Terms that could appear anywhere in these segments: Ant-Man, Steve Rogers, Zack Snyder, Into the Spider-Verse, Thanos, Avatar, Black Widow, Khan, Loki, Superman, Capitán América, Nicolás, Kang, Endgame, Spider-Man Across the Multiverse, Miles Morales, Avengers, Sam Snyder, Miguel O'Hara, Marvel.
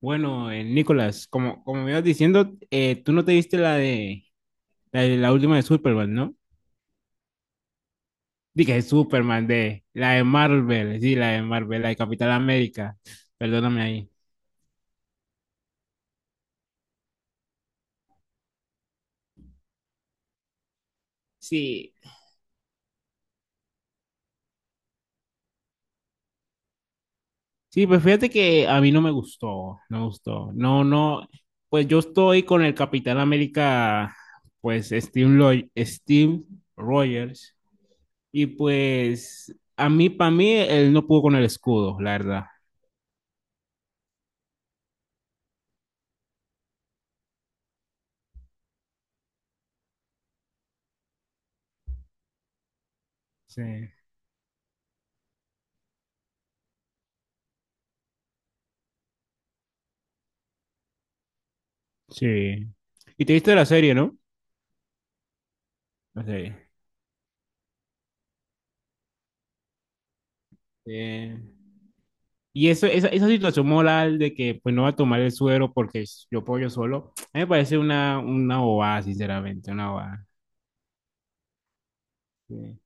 Bueno, Nicolás, como me ibas diciendo, tú no te viste de la última de Superman, ¿no? Dije de Superman, de la de Marvel, sí, la de Marvel, la de Capital América. Perdóname ahí. Sí, sí, pues fíjate que a mí no me gustó, no me gustó. No, no, pues yo estoy con el Capitán América, pues Steve, Steve Rogers, y pues a mí, para mí, él no pudo con el escudo, la verdad. Sí. Sí. Y te viste la serie, ¿no? Ok. Eh, esa situación moral de que pues no va a tomar el suero porque yo puedo yo solo, a mí me parece una bobada, sinceramente, una bobada. Sí,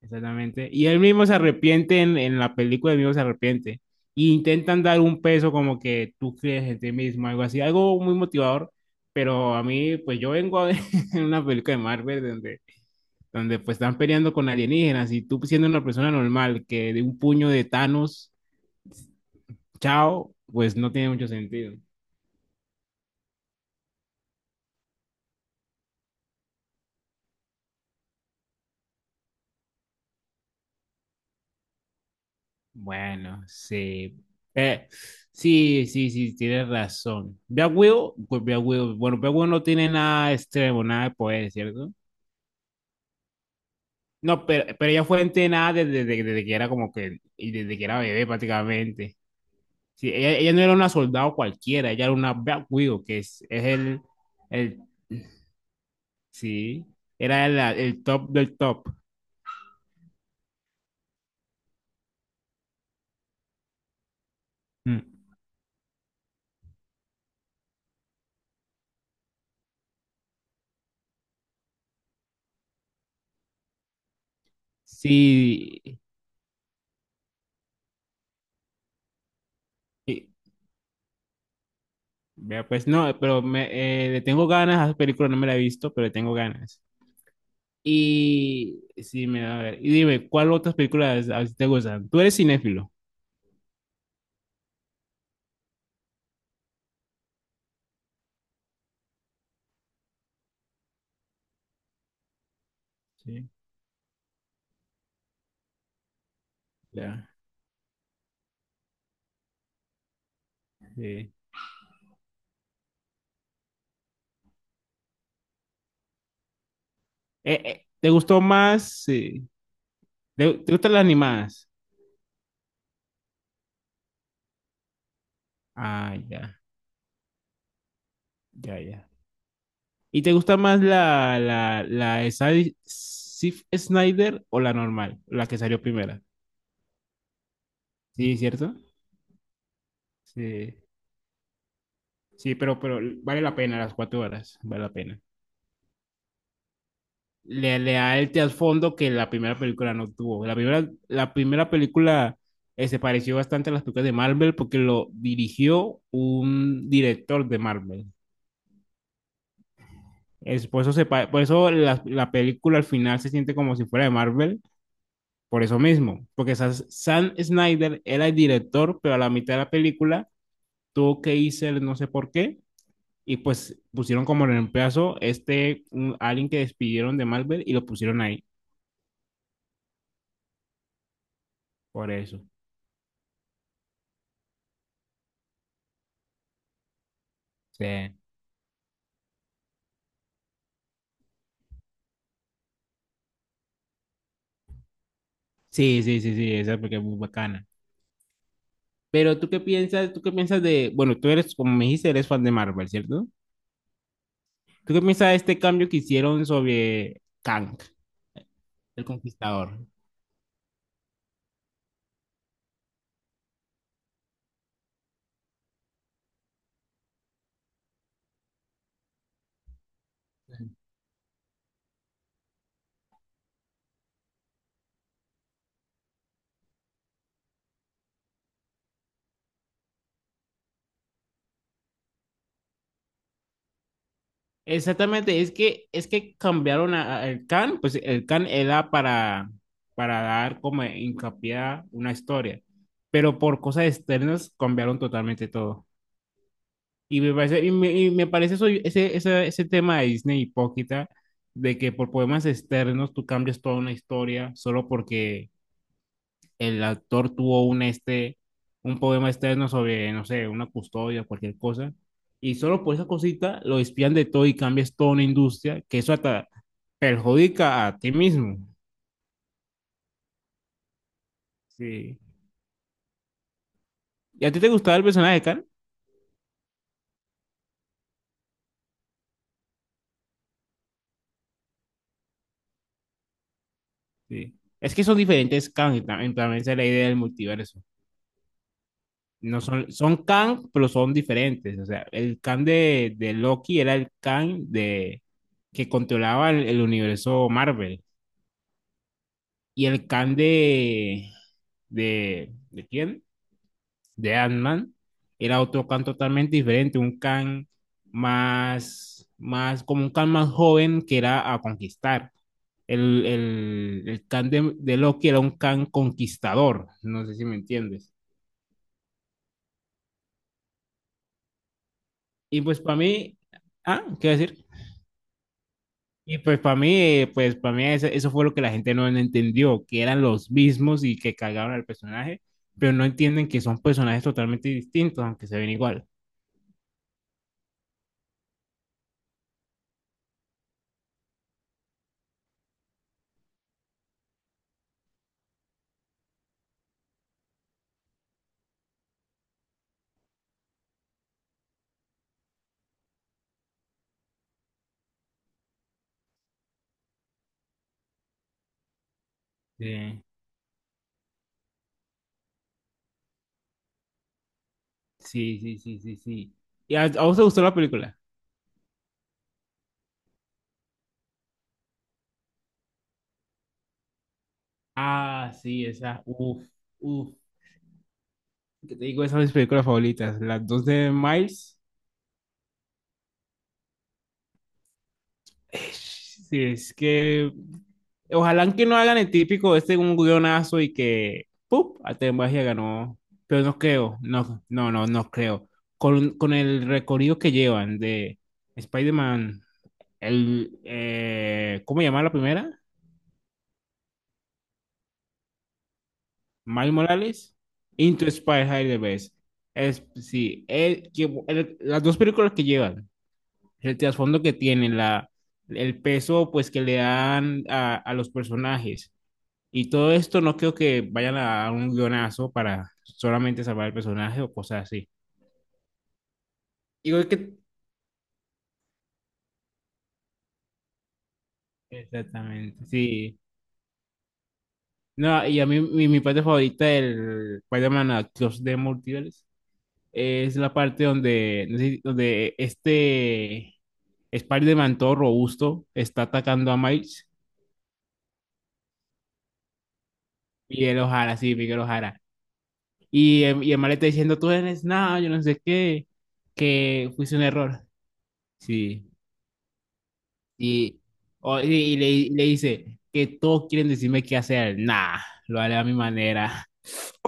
exactamente. Y él mismo se arrepiente en la película, él mismo se arrepiente. Y intentan dar un peso como que tú crees en ti mismo, algo así, algo muy motivador. Pero a mí, pues yo vengo de una película de Marvel donde pues están peleando con alienígenas y tú siendo una persona normal que de un puño de Thanos Chao, pues no tiene mucho sentido. Bueno, sí. Eh, sí, sí, sí, tienes razón. Black Widow, pues Black Widow, bueno, Black Widow no tiene nada extremo, nada de poder, ¿cierto? No, pero ella fue entrenada desde, desde que era como que, y desde que era bebé prácticamente. Sí, ella no era una soldado cualquiera, ella era una Black Widow, que es el, sí, era el top del top. Mm. Sí, y- Vea, pues no, pero le tengo ganas a esa película, no me la he visto, pero le tengo ganas. Y sí, me da a ver. Y dime, ¿cuál otras películas a ti te gustan? Tú eres cinéfilo. Sí, ya, sí. ¿Te gustó más? Sí. ¿Te gustan las animadas? Ah, ya, ya, ya. ¿Y te gusta más la de Zack Snyder o la normal, la que salió primera? Sí, ¿cierto? Sí, sí, pero vale la pena las 4 horas, vale la pena. Le da el trasfondo que la primera película no tuvo. La primera película se pareció bastante a las películas de Marvel porque lo dirigió un director de Marvel. Es, por eso, se, pa- por eso la película al final se siente como si fuera de Marvel, por eso mismo, porque Sam Snyder era el director, pero a la mitad de la película tuvo que irse, el no sé por qué, y pues pusieron como reemplazo alguien que despidieron de Marvel y lo pusieron ahí, por eso. Sí. Sí, sí, sí, sí, esa porque es muy bacana. Pero tú qué piensas de, bueno, tú eres, como me dijiste, eres fan de Marvel, ¿cierto? ¿Tú qué piensas de este cambio que hicieron sobre Kang, el Conquistador? Exactamente, es que, cambiaron el Kang, pues el Kang era para dar como hincapié a una historia, pero por cosas externas cambiaron totalmente todo. Y me parece eso, ese tema de Disney hipócrita, de que por poemas externos tú cambias toda una historia solo porque el autor tuvo un poema externo sobre, no sé, una custodia, cualquier cosa, y solo por esa cosita lo espían de todo y cambias toda una industria, que eso hasta perjudica a ti mismo. Sí. ¿Y a ti te gustaba el personaje de Khan? Sí. Es que son diferentes Khan, y también esa es la idea del multiverso. No, son Kang, pero son diferentes. O sea, el Kang de, de, Loki era el Kang que controlaba el universo Marvel. Y el Kang de, ¿de quién? De Ant-Man era otro Kang totalmente diferente, un Kang más, como un Kang más joven que era a conquistar. El Kang de Loki era un Kang conquistador, no sé si me entiendes. Y pues para mí, ¿qué iba a decir? Y pues para mí eso fue lo que la gente no entendió, que eran los mismos y que cagaron al personaje, pero no entienden que son personajes totalmente distintos, aunque se ven igual. Sí, sí, sí, sí, sí, sí. ¿Y a vos te gustó la película? Ah, sí, esa, uff, uff, que te digo, esas son mis películas favoritas, las dos de Miles. Sí, es que ojalá que no hagan el típico un guionazo y que ¡pum! Arte Magia ganó. Pero no creo, no, no, no, no creo. Con el recorrido que llevan de Spider-Man, ¿cómo se llama la primera? Miles Morales, Into Spider-Verse. Sí, las dos películas que llevan, el trasfondo que tienen, el peso pues que le dan a los personajes. Y todo esto no creo que vayan a un guionazo para solamente salvar el personaje o cosas así. Igual que Exactamente, sí. No, y a mí mi parte favorita del Spider-Man Across the Multiverse es la parte donde, no sé, donde este Spider-Man todo robusto está atacando a Miles. Miguel O'Hara, sí, Miguel O'Hara. Y el mal está diciendo, tú eres nada, yo no sé qué, que fuiste un error. Sí, Y, y le dice que todos quieren decirme qué hacer. Nah, lo haré a mi manera.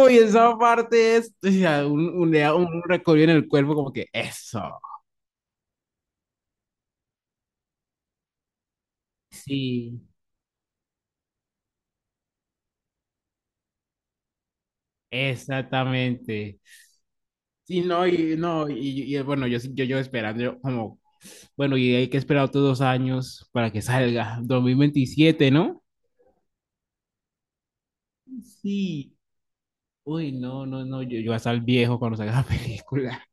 Uy, esa parte es, o sea, le da un recorrido en el cuerpo como que eso. Sí, exactamente. Sí, no, y no, bueno, yo esperando, bueno, y hay que esperar otros 2 años para que salga, 2027, ¿no? Sí, uy, no, no, no, yo voy a estar viejo cuando salga la película.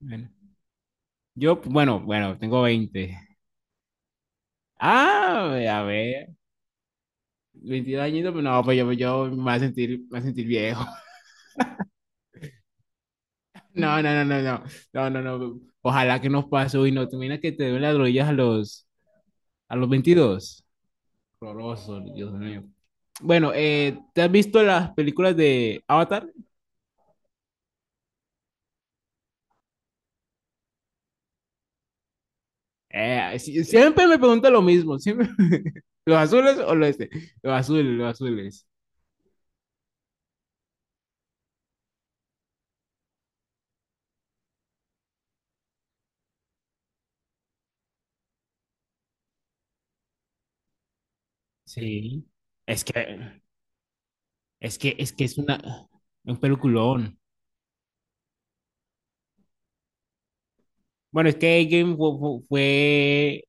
Bueno, bueno, tengo 20. Ah, a ver, 22 añitos, pues no, pues yo me voy a sentir viejo. No, no, no, no, no, no, no, no. Ojalá que nos pase hoy, no, te imaginas que te den las rodillas a los, 22. Horroroso, Dios mío. Bueno, ¿te has visto las películas de Avatar? Siempre me pregunta lo mismo, siempre. ¿Los azules o los este? Los azules, los azules. Sí, es que, es que es un peliculón. Bueno, es que Game fue.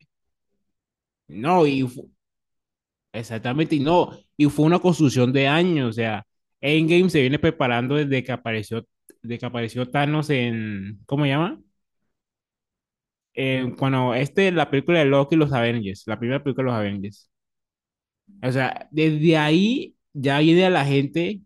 No, y exactamente, y no, y fue una construcción de años, o sea, Endgame se viene preparando desde que apareció Thanos en, ¿cómo se llama? Cuando la película de Loki y los Avengers, la primera película de los Avengers. O sea, desde ahí ya viene a la gente,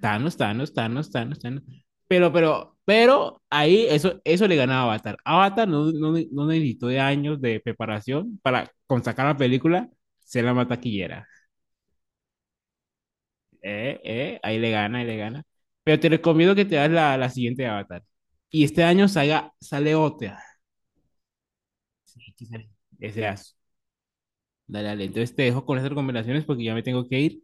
Thanos, Thanos, Thanos, Thanos, Thanos. Pero ahí eso, le ganaba a Avatar. Avatar no, no, no necesitó de años de preparación para con sacar la película, ser la más taquillera. Ahí le gana, ahí le gana. Pero te recomiendo que te hagas la siguiente de Avatar. Y este año salga, sale otra. Ese as. Dale, dale. Entonces te dejo con esas recomendaciones porque ya me tengo que ir.